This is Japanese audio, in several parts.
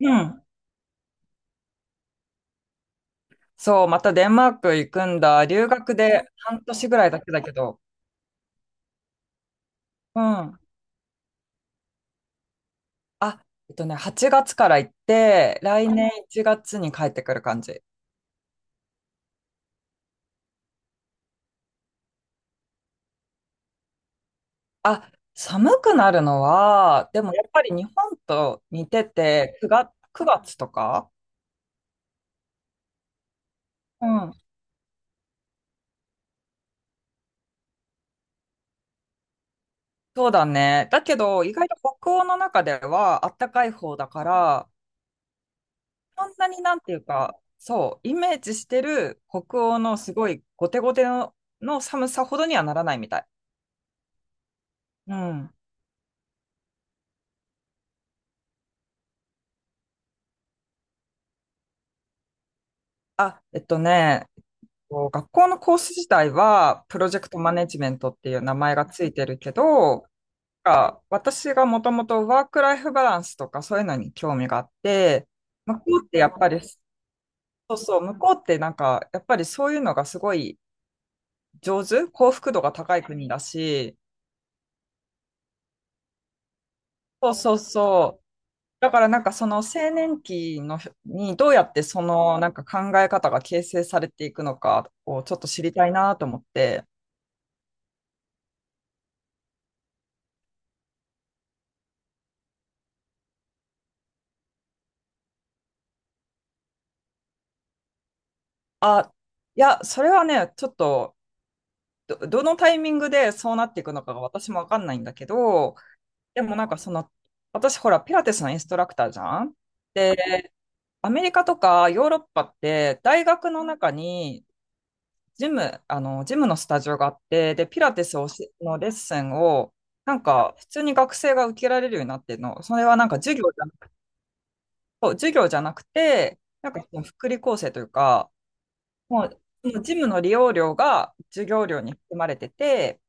うん。そう、またデンマーク行くんだ。留学で半年ぐらいだけだけど。うん。8月から行って、来年1月に帰ってくる感じ。あ、寒くなるのは、でもやっぱり日本と似てて、9月、9月とか。うん。そうだね。だけど、意外と北欧の中では暖かい方だから、そんなになんていうか、そう、イメージしてる北欧のすごいゴテゴテの、の寒さほどにはならないみたい。うん。あ、えっとね、えっと学校のコース自体は、プロジェクトマネジメントっていう名前がついてるけど、が私がもともとワークライフバランスとかそういうのに興味があって、向こうってやっぱり、そ向こうってやっぱりそういうのがすごい上手、幸福度が高い国だし、そうそうそう。だからその青年期のにどうやってその考え方が形成されていくのかをちょっと知りたいなと思って。あ、いや、それはね、ちょっと、どのタイミングでそうなっていくのかが私もわかんないんだけど、でも私ほら、ピラティスのインストラクターじゃん。で、アメリカとかヨーロッパって、大学の中に、ジムのスタジオがあって、で、ピラティスをしのレッスンを、普通に学生が受けられるようになってるの。それはなんか授業じゃ、そう授業じゃなくて、その福利厚生というか、もう、そのジムの利用料が授業料に含まれてて、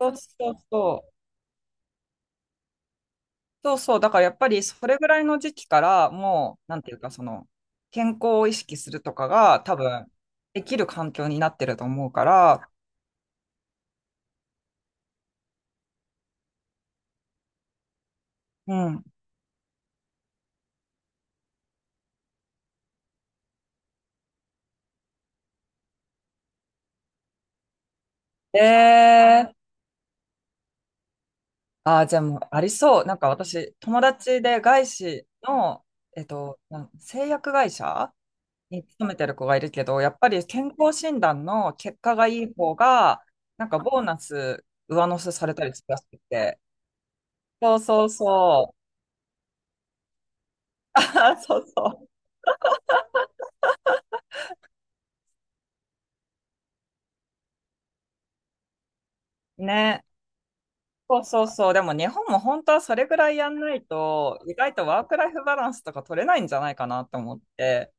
そうそうそう、そう、だからやっぱりそれぐらいの時期から、もう、なんていうか、その、健康を意識するとかが、多分、できる環境になってると思うから、うん。えー、あー、じゃあもうありそう。なんか私、友達で外資の、製薬会社に勤めてる子がいるけど、やっぱり健康診断の結果がいい方が、なんかボーナス上乗せされたりするらしくて。そうそうそう。あーそうそう。ね。そうそうそう。でも日本も本当はそれぐらいやんないと、意外とワークライフバランスとか取れないんじゃないかなと思って。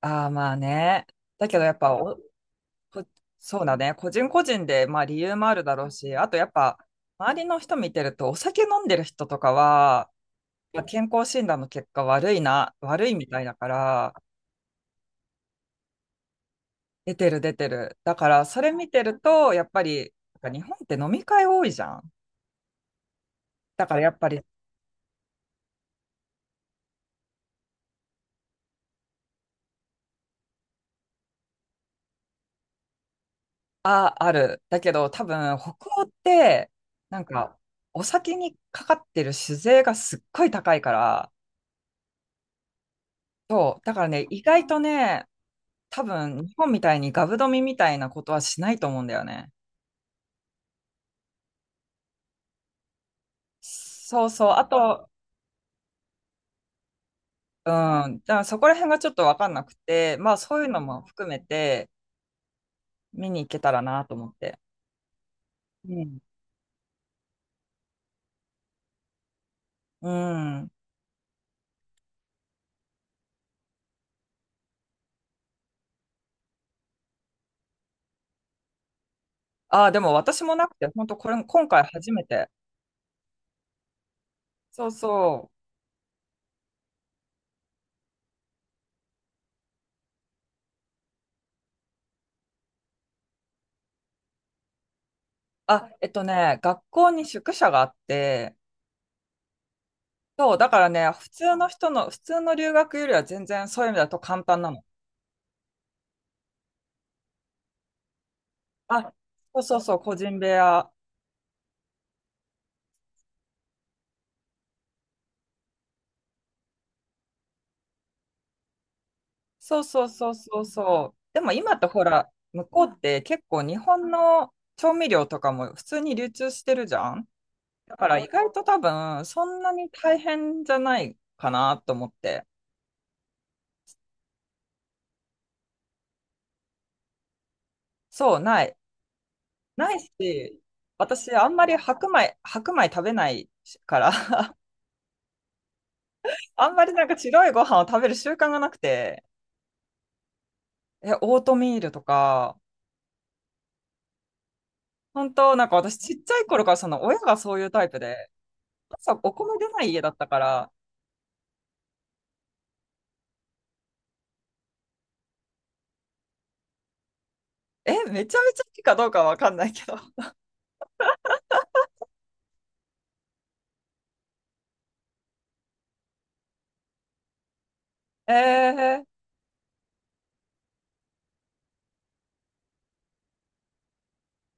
ああ、まあね。だけどやっぱお、こそうだね。個人個人で、まあ理由もあるだろうし、あとやっぱ、周りの人見てると、お酒飲んでる人とかは、まあ健康診断の結果悪いな、悪いみたいだから、出てる出てる。だからそれ見てると、やっぱり、なんか日本って飲み会多いじゃん。だからやっぱり、あ、ある。だけど多分北欧って、なんかお酒にかかってる酒税がすっごい高いから、そう。だからね、意外とね、多分日本みたいにガブ飲みみたいなことはしないと思うんだよね。そうそう。あと、うん。だからそこら辺がちょっと分かんなくて、まあそういうのも含めて、見に行けたらなと思って。うん。うん。ああ、でも私もなくて、本当これ、今回初めて。そうそう。あ、えっとね、学校に宿舎があって、そう、だからね、普通の留学よりは全然そういう意味だと簡単なの。あ、そうそうそう、個人部屋。そうそうそうそうそう。でも今ってほら、向こうって結構日本の調味料とかも普通に流通してるじゃん。だから意外と多分、そんなに大変じゃないかなと思って。そう、ない。ないし、私、あんまり白米食べないから、あんまりなんか白いご飯を食べる習慣がなくて、え、オートミールとか、本当なんか私ちっちゃい頃からその親がそういうタイプで、朝お米出ない家だったから、え、めちゃめちゃいいかどうかわかんないけど。えー、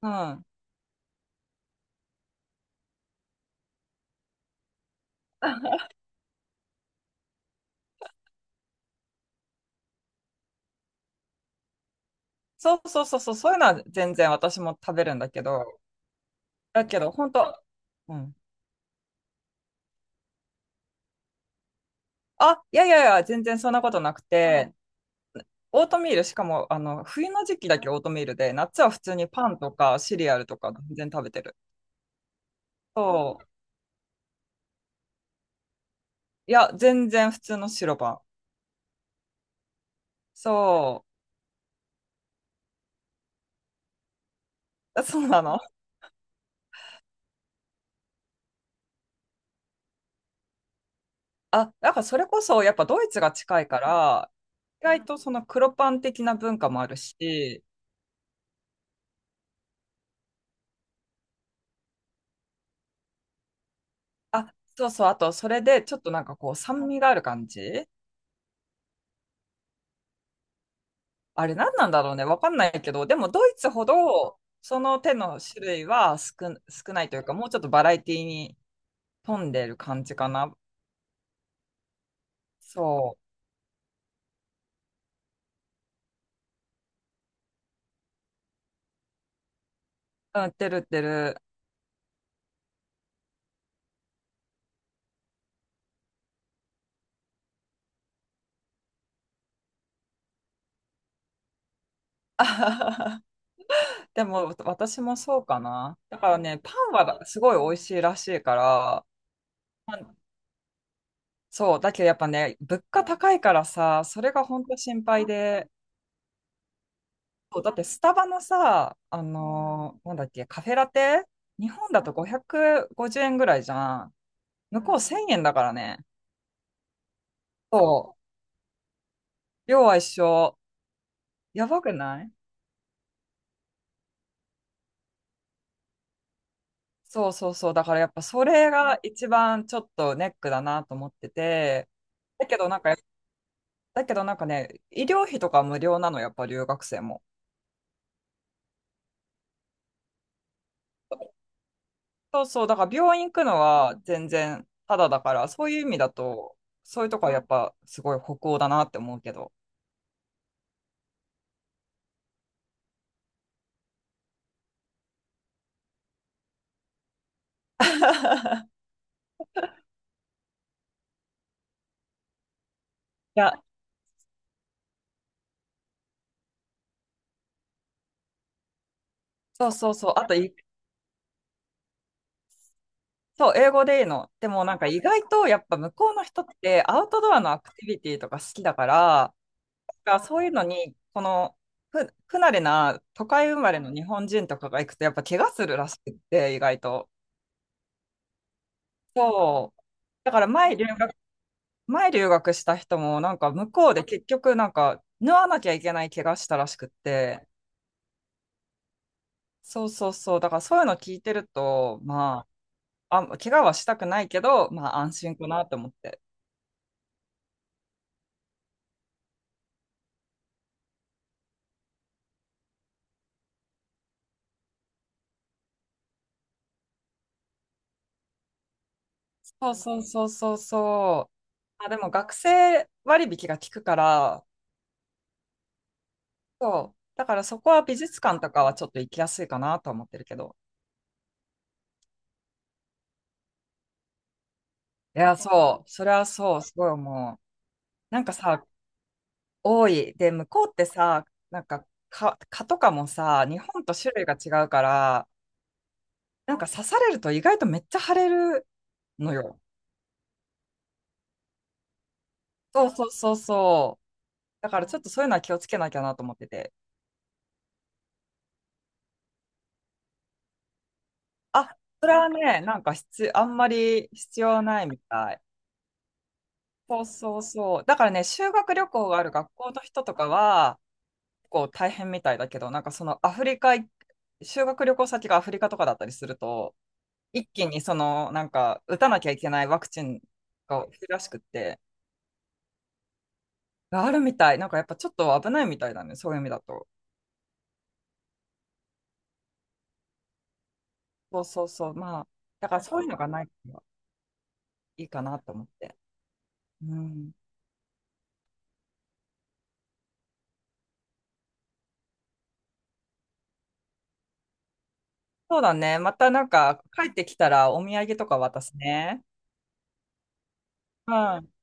うん。そうそうそうそう、そういうのは全然私も食べるんだけど、だけど本当、うん。あ、いやいやいや、全然そんなことなくて、オートミール、しかも、冬の時期だけオートミールで、夏は普通にパンとかシリアルとか全然食べてる。そう。いや、全然普通の白パン。そう。そうなの。あ、なんかそれこそ、やっぱドイツが近いから、意外とその黒パン的な文化もあるし、あ、そうそう、あとそれでちょっとなんかこう酸味がある感じ。あれ何なんだろうね、わかんないけど、でもドイツほどその手の種類は少ないというか、もうちょっとバラエティに富んでる感じかな。そう。うん、売ってる売ってる。あはは。でも私もそうかな。だからね、パンはすごい美味しいらしいから、まあそう、だけどやっぱね、物価高いからさ、それが本当心配で、そう、だってスタバのさ、なんだっけ、カフェラテ、日本だと550円ぐらいじゃん。向こう1000円だからね。そう、量は一緒。やばくない？そうそうそう。だからやっぱそれが一番ちょっとネックだなと思ってて、だけどなんか、だけどなんかね、医療費とか無料なの、やっぱ留学生も。そうそう、だから病院行くのは全然ただだから、そういう意味だと、そういうとこはやっぱすごい北欧だなって思うけど。いや、そうそうそう。あとい、そう、英語でいいの。でもなんか意外とやっぱ向こうの人ってアウトドアのアクティビティとか好きだから、なんかそういうのに、この不慣れな都会生まれの日本人とかが行くとやっぱ怪我するらしくって、意外と。そう。だから前留学、前留学した人も、なんか向こうで結局、なんか、縫わなきゃいけない怪我したらしくって、そうそうそう、だからそういうの聞いてると、まあ、怪我はしたくないけど、まあ安心かなと思って。そうそうそうそうそう。まあ、でも学生割引が効くから、そう。だからそこは美術館とかはちょっと行きやすいかなと思ってるけど。いや、そう。それはそう、すごい思う。なんかさ、多い。で、向こうってさ、なんか蚊とかもさ、日本と種類が違うから、なんか刺されると意外とめっちゃ腫れるのよ。そうそうそうそう。だからちょっとそういうのは気をつけなきゃなと思ってて。あ、それはね、なんか必あんまり必要ないみたい。そうそうそう。だからね、修学旅行がある学校の人とかは、結構大変みたいだけど、なんかそのアフリカ、修学旅行先がアフリカとかだったりすると、一気にその、なんか、打たなきゃいけないワクチンが冬らしくって、があるみたい。なんかやっぱちょっと危ないみたいだね、そういう意味だと。そうそうそう。まあ、だからそういうのがないからいいかなと思って。うん。そうだね。またなんか、帰ってきたらお土産とか渡すね。うん。